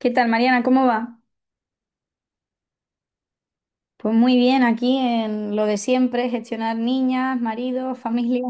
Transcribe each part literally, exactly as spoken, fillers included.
¿Qué tal, Mariana? ¿Cómo va? Pues muy bien, aquí en lo de siempre, gestionar niñas, maridos, familia.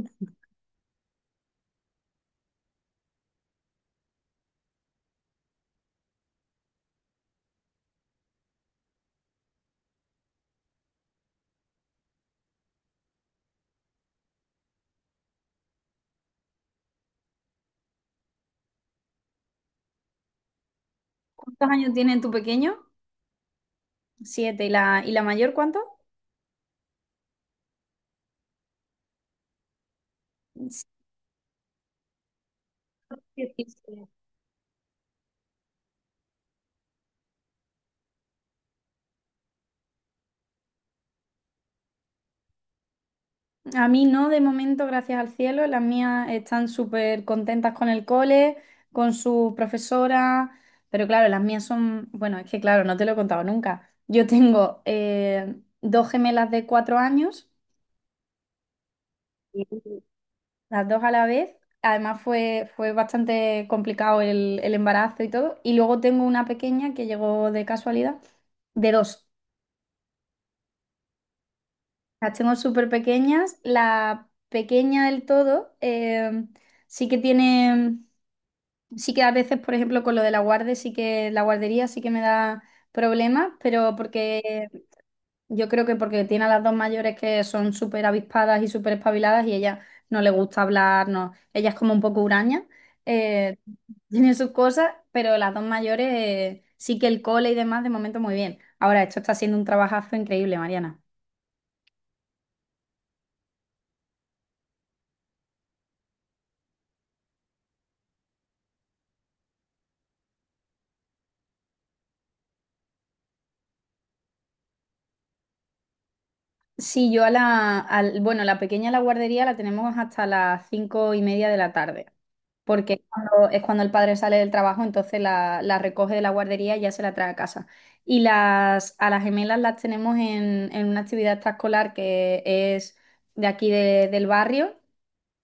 ¿Cuántos años tiene tu pequeño? Siete. ¿Y la, y la mayor cuánto? Sí, diecisiete. A mí no, de momento, gracias al cielo. Las mías están súper contentas con el cole, con su profesora, pero claro, las mías son, bueno, es que claro, no te lo he contado nunca. Yo tengo eh, dos gemelas de cuatro años. Las dos a la vez. Además fue, fue bastante complicado el, el embarazo y todo. Y luego tengo una pequeña que llegó de casualidad, de dos. Las tengo súper pequeñas. La pequeña del todo eh, sí que tiene, sí que a veces, por ejemplo, con lo de la guarde, sí que la guardería sí que me da problemas, pero porque yo creo que porque tiene a las dos mayores, que son súper avispadas y súper espabiladas, y ella, no le gusta hablar, no. Ella es como un poco huraña, eh, tiene sus cosas, pero las dos mayores, eh, sí que el cole y demás de momento muy bien. Ahora, esto está siendo un trabajazo increíble, Mariana. Sí, yo a la, al- bueno, la pequeña, la guardería la tenemos hasta las cinco y media de la tarde, porque es cuando, es cuando el padre sale del trabajo, entonces la, la recoge de la guardería y ya se la trae a casa. Y las, a las gemelas las tenemos en, en una actividad extraescolar que es de aquí de- del barrio,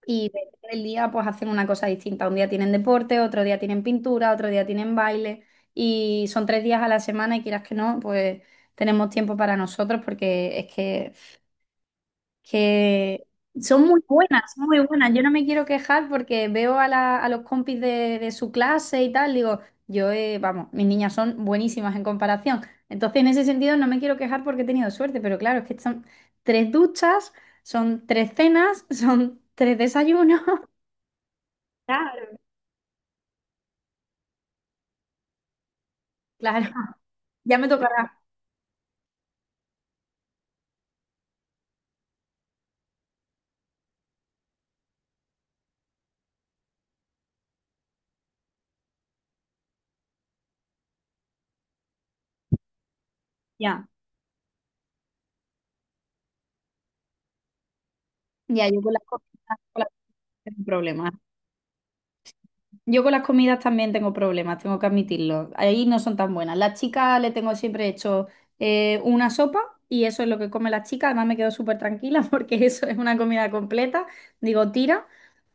y depende del día, pues hacen una cosa distinta. Un día tienen deporte, otro día tienen pintura, otro día tienen baile, y son tres días a la semana, y quieras que no, pues tenemos tiempo para nosotros, porque es que que son muy buenas, son muy buenas. Yo no me quiero quejar, porque veo a, la- a los compis de, de su clase y tal, digo, yo, eh, vamos, mis niñas son buenísimas en comparación. Entonces, en ese sentido, no me quiero quejar porque he tenido suerte, pero claro, es que son tres duchas, son tres cenas, son tres desayunos. Claro. Claro, ya me tocará. Ya, ya, yo con las cosas, con las cosas tengo problemas. Yo con las comidas también tengo problemas, tengo que admitirlo. Ahí no son tan buenas. Las chicas le tengo siempre hecho eh, una sopa, y eso es lo que come las chicas. Además me quedo súper tranquila porque eso es una comida completa. Digo, tira.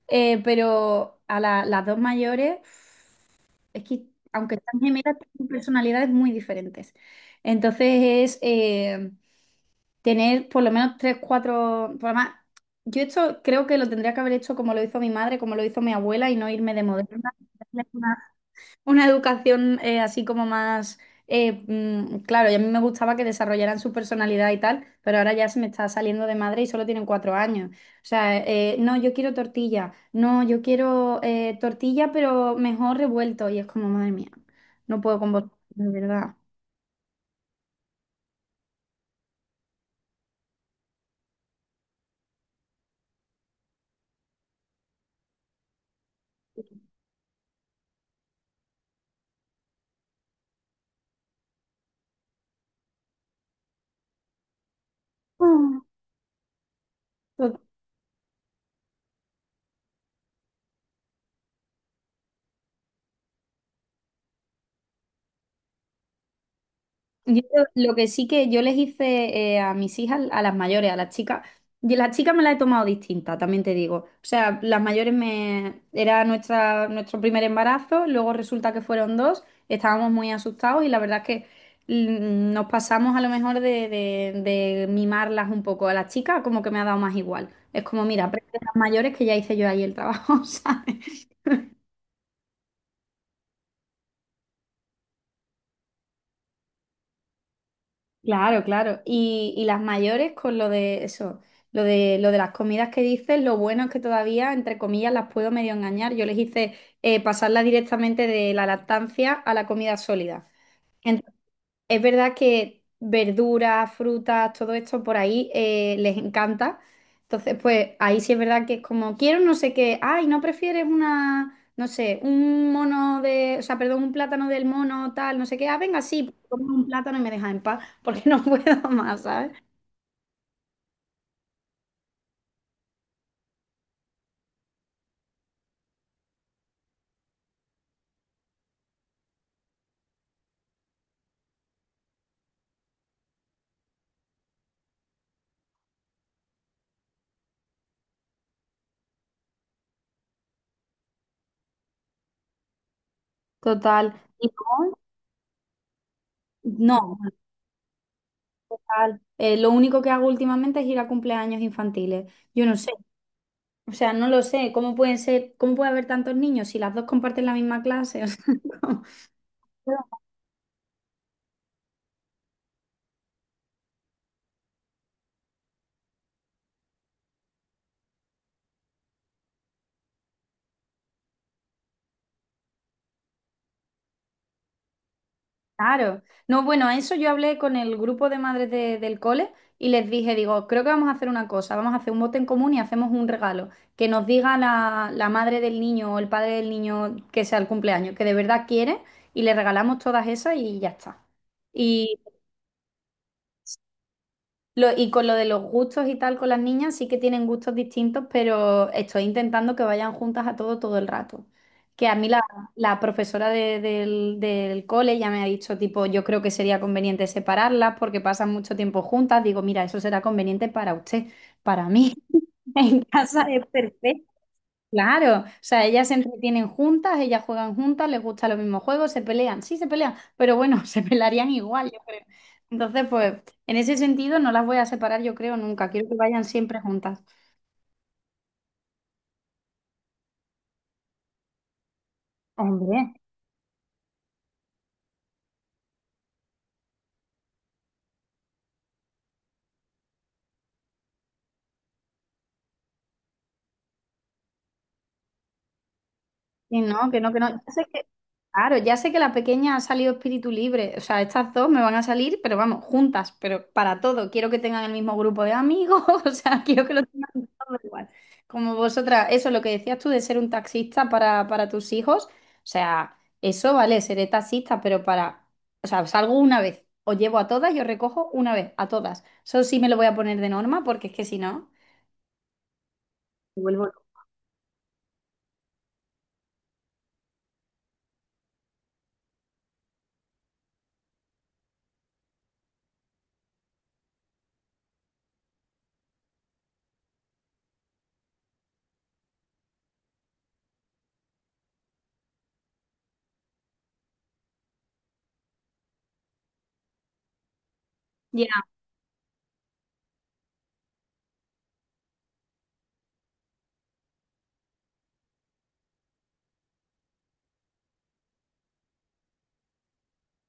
Eh, pero a la- las dos mayores, es que, aunque están gemelas, tienen personalidades muy diferentes. Entonces es... eh, tener por lo menos tres, cuatro, por lo más, yo esto creo que lo tendría que haber hecho como lo hizo mi madre, como lo hizo mi abuela, y no irme de moderna, una educación eh, así como más, eh, mm, claro, y a mí me gustaba que desarrollaran su personalidad y tal, pero ahora ya se me está saliendo de madre y solo tienen cuatro años. O sea, eh, no, yo quiero tortilla, no, yo quiero eh, tortilla, pero mejor revuelto. Y es como, madre mía, no puedo con vos, de verdad. Yo, lo que sí, que yo les hice, eh, a mis hijas, a las mayores, a las chicas, y las chicas me las he tomado distinta, también te digo. O sea, las mayores, me era nuestra, nuestro primer embarazo, luego resulta que fueron dos, estábamos muy asustados, y la verdad es que, mm, nos pasamos a lo mejor de, de- de mimarlas un poco. A las chicas como que me ha dado más igual. Es como, mira, aprende a las mayores, que ya hice yo ahí el trabajo, ¿sabes? Claro, claro. Y, y las mayores con lo de eso, lo de, lo de las comidas que dices, lo bueno es que todavía, entre comillas, las puedo medio engañar. Yo les hice, eh, pasarla directamente de la lactancia a la comida sólida. Es verdad que verduras, frutas, todo esto, por ahí eh, les encanta. Entonces, pues ahí sí es verdad que es como, quiero no sé qué, ay, ¿no prefieres una, no sé, un mono de, o sea, perdón, un plátano del mono tal, no sé qué? Ah, venga, sí, pues, como un plátano y me dejas en paz, porque no puedo más, ¿sabes? Total. Y no, no, total. Eh, lo único que hago últimamente es ir a cumpleaños infantiles. Yo no sé, o sea, no lo sé, ¿cómo pueden ser, cómo puede haber tantos niños, si las dos comparten la misma clase? O sea, ¿cómo? Claro. No, bueno, a eso, yo hablé con el grupo de madres de- del cole y les dije, digo, creo que vamos a hacer una cosa, vamos a hacer un bote en común y hacemos un regalo, que nos diga la, la madre del niño, o el padre del niño, que sea el cumpleaños, que de verdad quiere, y le regalamos todas esas y ya está. Lo- y con lo de los gustos y tal, con las niñas sí que tienen gustos distintos, pero estoy intentando que vayan juntas a todo todo el rato. Que a mí la, la profesora de- del, del cole ya me ha dicho, tipo, yo creo que sería conveniente separarlas porque pasan mucho tiempo juntas. Digo, mira, eso será conveniente para usted, para mí. En casa es perfecto. Claro, o sea, ellas se entretienen juntas, ellas juegan juntas, les gustan los mismos juegos, se pelean, sí se pelean, pero bueno, se pelearían igual, yo creo. Entonces, pues, en ese sentido no las voy a separar, yo creo, nunca. Quiero que vayan siempre juntas. Hombre. Y no, que no, que no. Ya sé que, claro, ya sé que la pequeña ha salido espíritu libre. O sea, estas dos me van a salir, pero vamos, juntas, pero para todo. Quiero que tengan el mismo grupo de amigos, o sea, quiero que lo tengan todo igual. Como vosotras, eso, lo que decías tú de ser un taxista para, para tus hijos, o sea, eso vale, seré taxista, pero para, o sea, salgo una vez, os llevo a todas, y os recojo una vez, a todas. Eso sí me lo voy a poner de norma, porque es que si no, me vuelvo loca. Ya,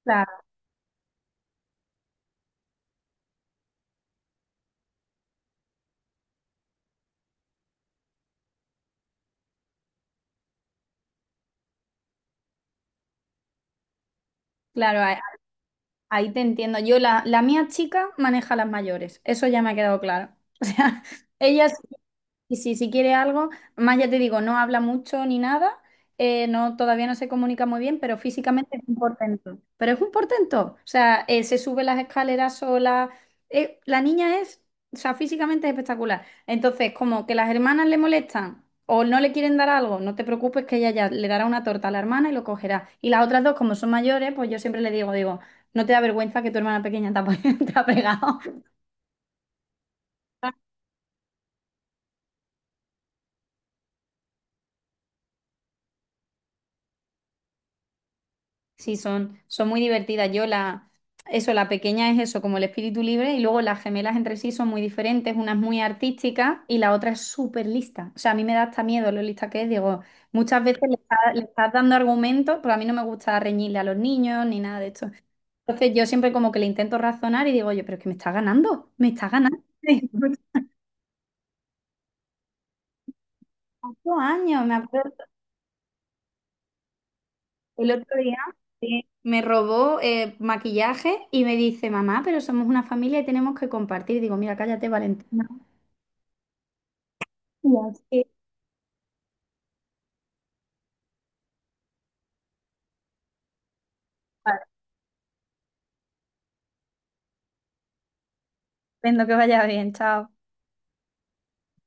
claro, claro. Ahí te entiendo. Yo, la, la mía chica maneja las mayores. Eso ya me ha quedado claro. O sea, ellas. Y si, si quiere algo, más ya te digo, no habla mucho ni nada, eh, no, todavía no se comunica muy bien, pero físicamente es un portento. Pero es un portento. O sea, eh, se sube las escaleras sola. Eh, la niña es, o sea, físicamente es espectacular. Entonces, como que las hermanas le molestan o no le quieren dar algo, no te preocupes, que ella ya le dará una torta a la hermana y lo cogerá. Y las otras dos, como son mayores, pues yo siempre le digo, digo, no te da vergüenza que tu hermana pequeña te ha, te ha pegado. Sí, son, son muy divertidas. Yo la, eso, la pequeña es eso, como el espíritu libre, y luego las gemelas entre sí son muy diferentes, una es muy artística y la otra es súper lista. O sea, a mí me da hasta miedo lo lista que es. Digo, muchas veces le está- le estás dando argumentos, pero a mí no me gusta reñirle a los niños ni nada de esto. Entonces yo siempre como que le intento razonar y digo, oye, pero es que me está ganando, me está ganando. Ocho años, me acuerdo. El otro día, sí, me robó eh, maquillaje, y me dice, mamá, pero somos una familia y tenemos que compartir. Digo, mira, cállate, Valentina. Y así. Vale. Entiendo. Que vaya bien, chao.